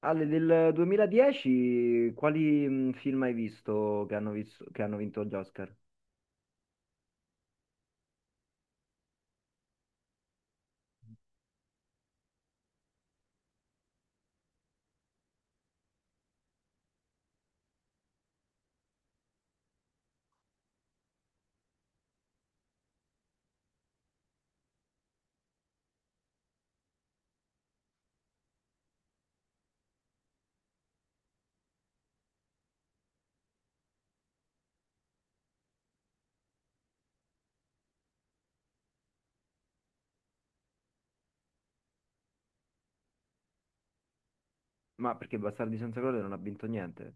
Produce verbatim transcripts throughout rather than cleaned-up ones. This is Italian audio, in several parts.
Ale, del duemiladieci quali mh, film hai visto che hanno, visto- che hanno vinto gli Oscar? Ma perché Bastardi senza gloria non ha vinto niente?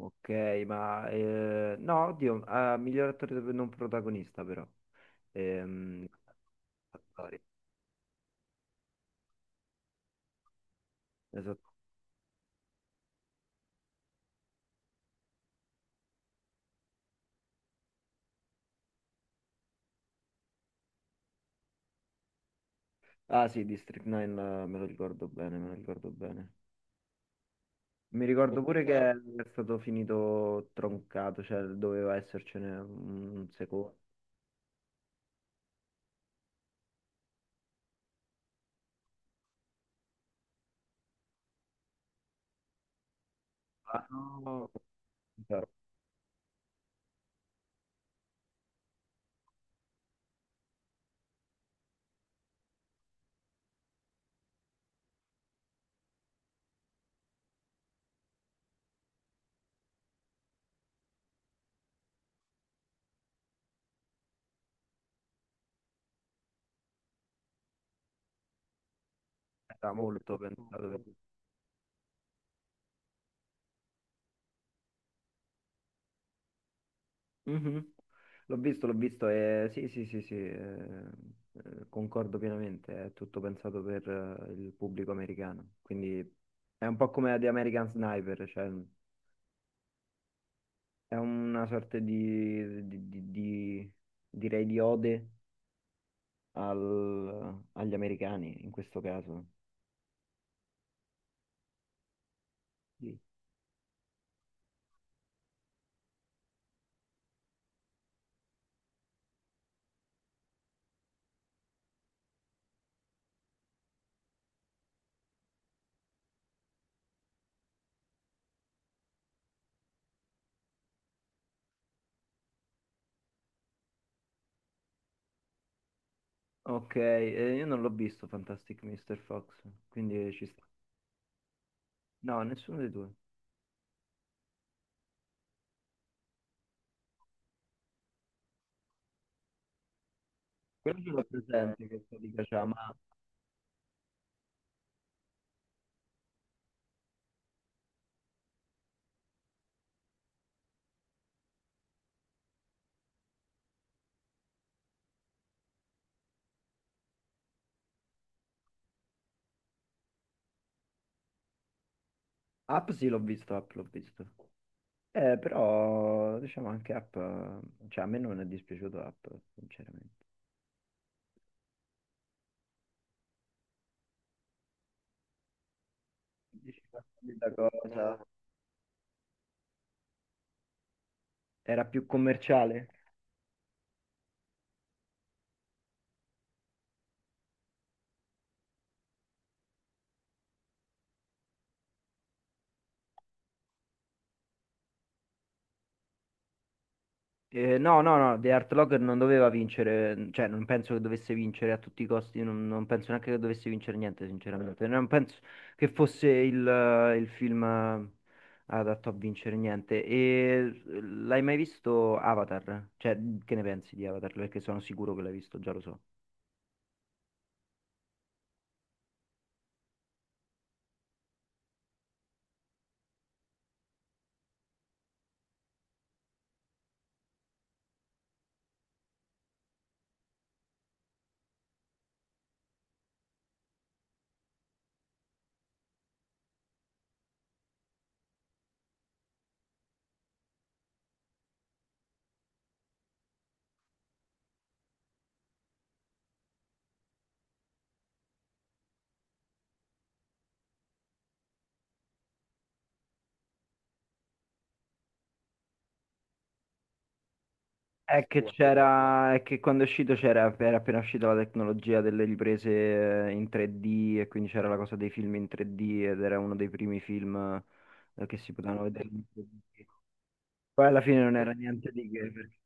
Ok, ma... eh, no, oddio, ah, miglior attore non protagonista però. Ehm, Attori, esatto. Ah sì, District nain eh, me lo ricordo bene, me lo ricordo bene. Mi ricordo pure che è stato finito troncato, cioè doveva essercene un secondo. Ah, no, era molto pensato. Mhm. L'ho visto, l'ho visto e sì, sì, sì, sì, eh, eh, concordo pienamente, è tutto pensato per eh, il pubblico americano, quindi è un po' come The American Sniper, cioè è una sorta di, di- di- di- direi di ode al- agli americani in questo caso. Sì. Ok, eh, io non l'ho visto Fantastic mister Fox, quindi ci sta. No, nessuno dei due. Quello ce l'ho presente che sto di Caccia, ma Up sì l'ho visto, Up l'ho visto. Eh, però diciamo anche app, eh, cioè a me non è dispiaciuto app, sinceramente. Dici la cosa. Era più commerciale. Eh, no, no, no, The Art Locker non doveva vincere, cioè non penso che dovesse vincere a tutti i costi, non, non penso neanche che dovesse vincere niente, sinceramente. Non penso che fosse il, eh, il film eh, adatto a vincere niente. E eh, l'hai mai visto Avatar? Cioè, che ne pensi di Avatar? Perché sono sicuro che l'hai visto, già lo so. È che c'era, è che quando è uscito c'era, era appena uscita la tecnologia delle riprese eh, in tre D e quindi c'era la cosa dei film in tre D ed era uno dei primi film eh, che si potevano vedere in tre D. Poi alla fine non era niente di che perché-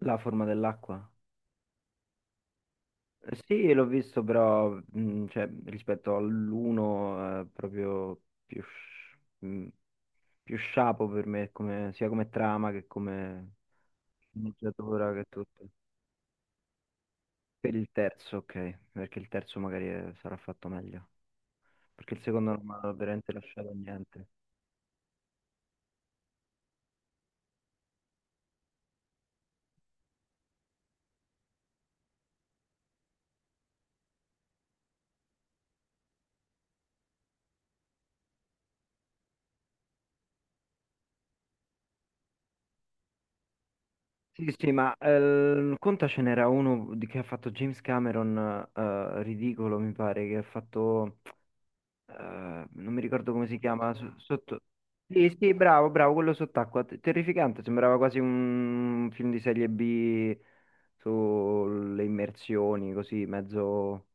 La forma dell'acqua. Eh, Sì, l'ho visto però mh, cioè, rispetto all'uno è proprio più, sci- mh, più sciapo per me come- sia come trama che come sceneggiatura che tutto. Per il terzo, ok, perché il terzo magari eh, sarà fatto meglio, perché il secondo non mi ha veramente lasciato niente. Sì, sì, ma eh, conta ce n'era uno di che ha fatto James Cameron, eh, ridicolo mi pare, che ha fatto, eh, non mi ricordo come si chiama, so- sotto... Sì, sì, bravo, bravo, quello sott'acqua, te- terrificante, sembrava quasi un film di serie B sulle immersioni, così, mezzo.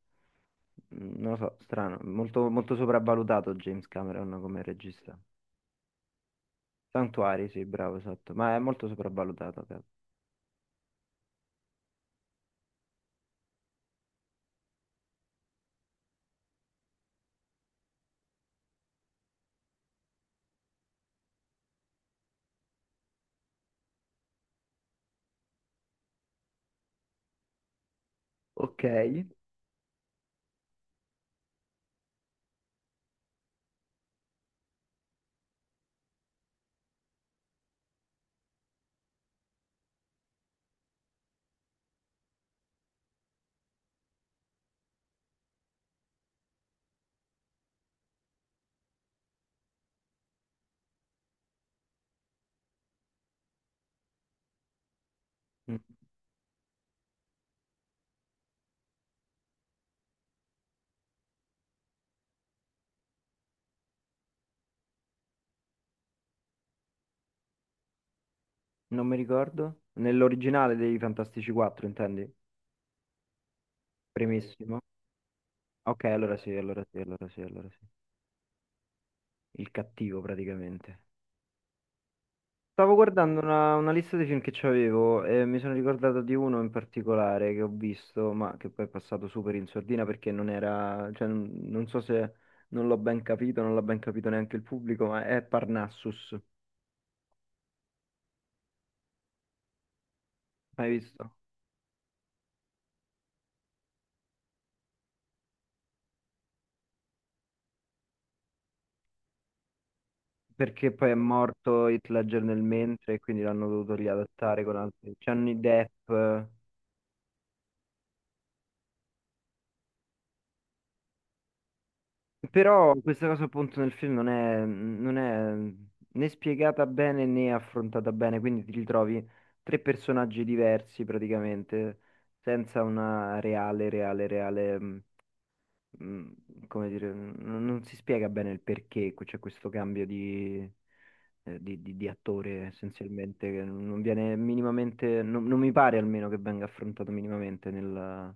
Mm, non lo so, strano, molto, molto sopravvalutato James Cameron come regista. Santuari, sì, bravo, esatto, ma è molto sopravvalutato. Cavolo. Ok, Mm, non mi ricordo. Nell'originale dei Fantastici quattro, intendi? Primissimo. Ok, allora sì, allora sì, allora sì, allora sì. Il cattivo praticamente. Stavo guardando una, una lista dei film che c'avevo e mi sono ricordato di uno in particolare che ho visto, ma che poi è passato super in sordina perché non era, cioè, non non so se non l'ho ben capito, non l'ha ben capito neanche il pubblico, ma è Parnassus. Hai visto? Perché poi è morto Heath Ledger nel mentre e quindi l'hanno dovuto riadattare con altri. Johnny Depp. Però questa cosa appunto nel film non è, non è né spiegata bene né affrontata bene, quindi ti ritrovi tre personaggi diversi praticamente, senza una reale, reale, reale, mh, mh, come dire, non, non si spiega bene il perché c'è questo cambio di, eh, di- di- di attore essenzialmente, che non viene minimamente, non, non mi pare almeno che venga affrontato minimamente nel...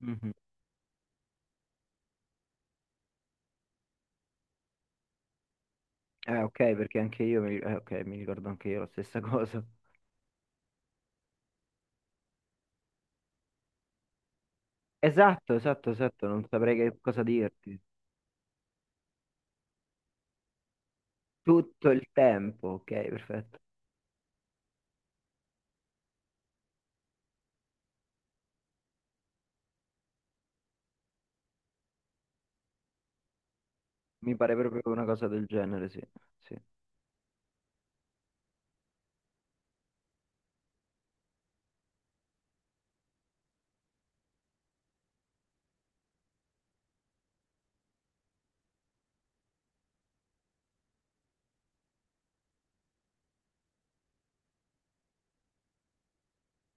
Mhm. Eh, ok, perché anche io mi, eh, ok, mi ricordo anche io la stessa cosa. Esatto, esatto, esatto, non saprei che cosa dirti. Tutto il tempo, ok, perfetto. Mi pare proprio una cosa del genere, sì. Sì.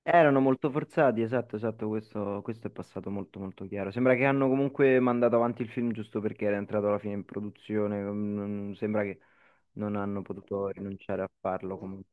Erano molto forzati, esatto, esatto, questo, questo è passato molto molto chiaro. Sembra che hanno comunque mandato avanti il film giusto perché era entrato alla fine in produzione, non- sembra che non hanno potuto rinunciare a farlo comunque.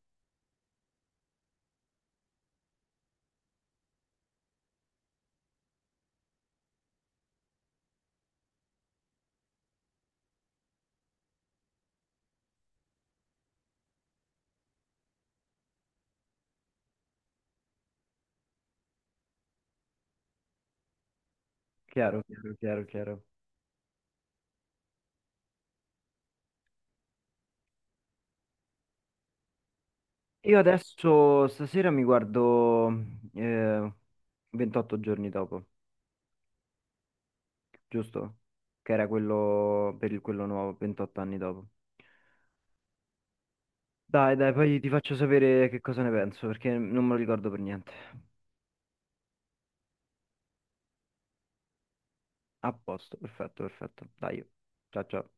Chiaro, chiaro, chiaro, chiaro. Io adesso stasera mi guardo eh, ventotto giorni dopo, giusto? Che era quello per il, quello nuovo, ventotto anni dopo. Dai, dai, poi ti faccio sapere che cosa ne penso, perché non me lo ricordo per niente. A posto, perfetto, perfetto. Dai, ciao ciao.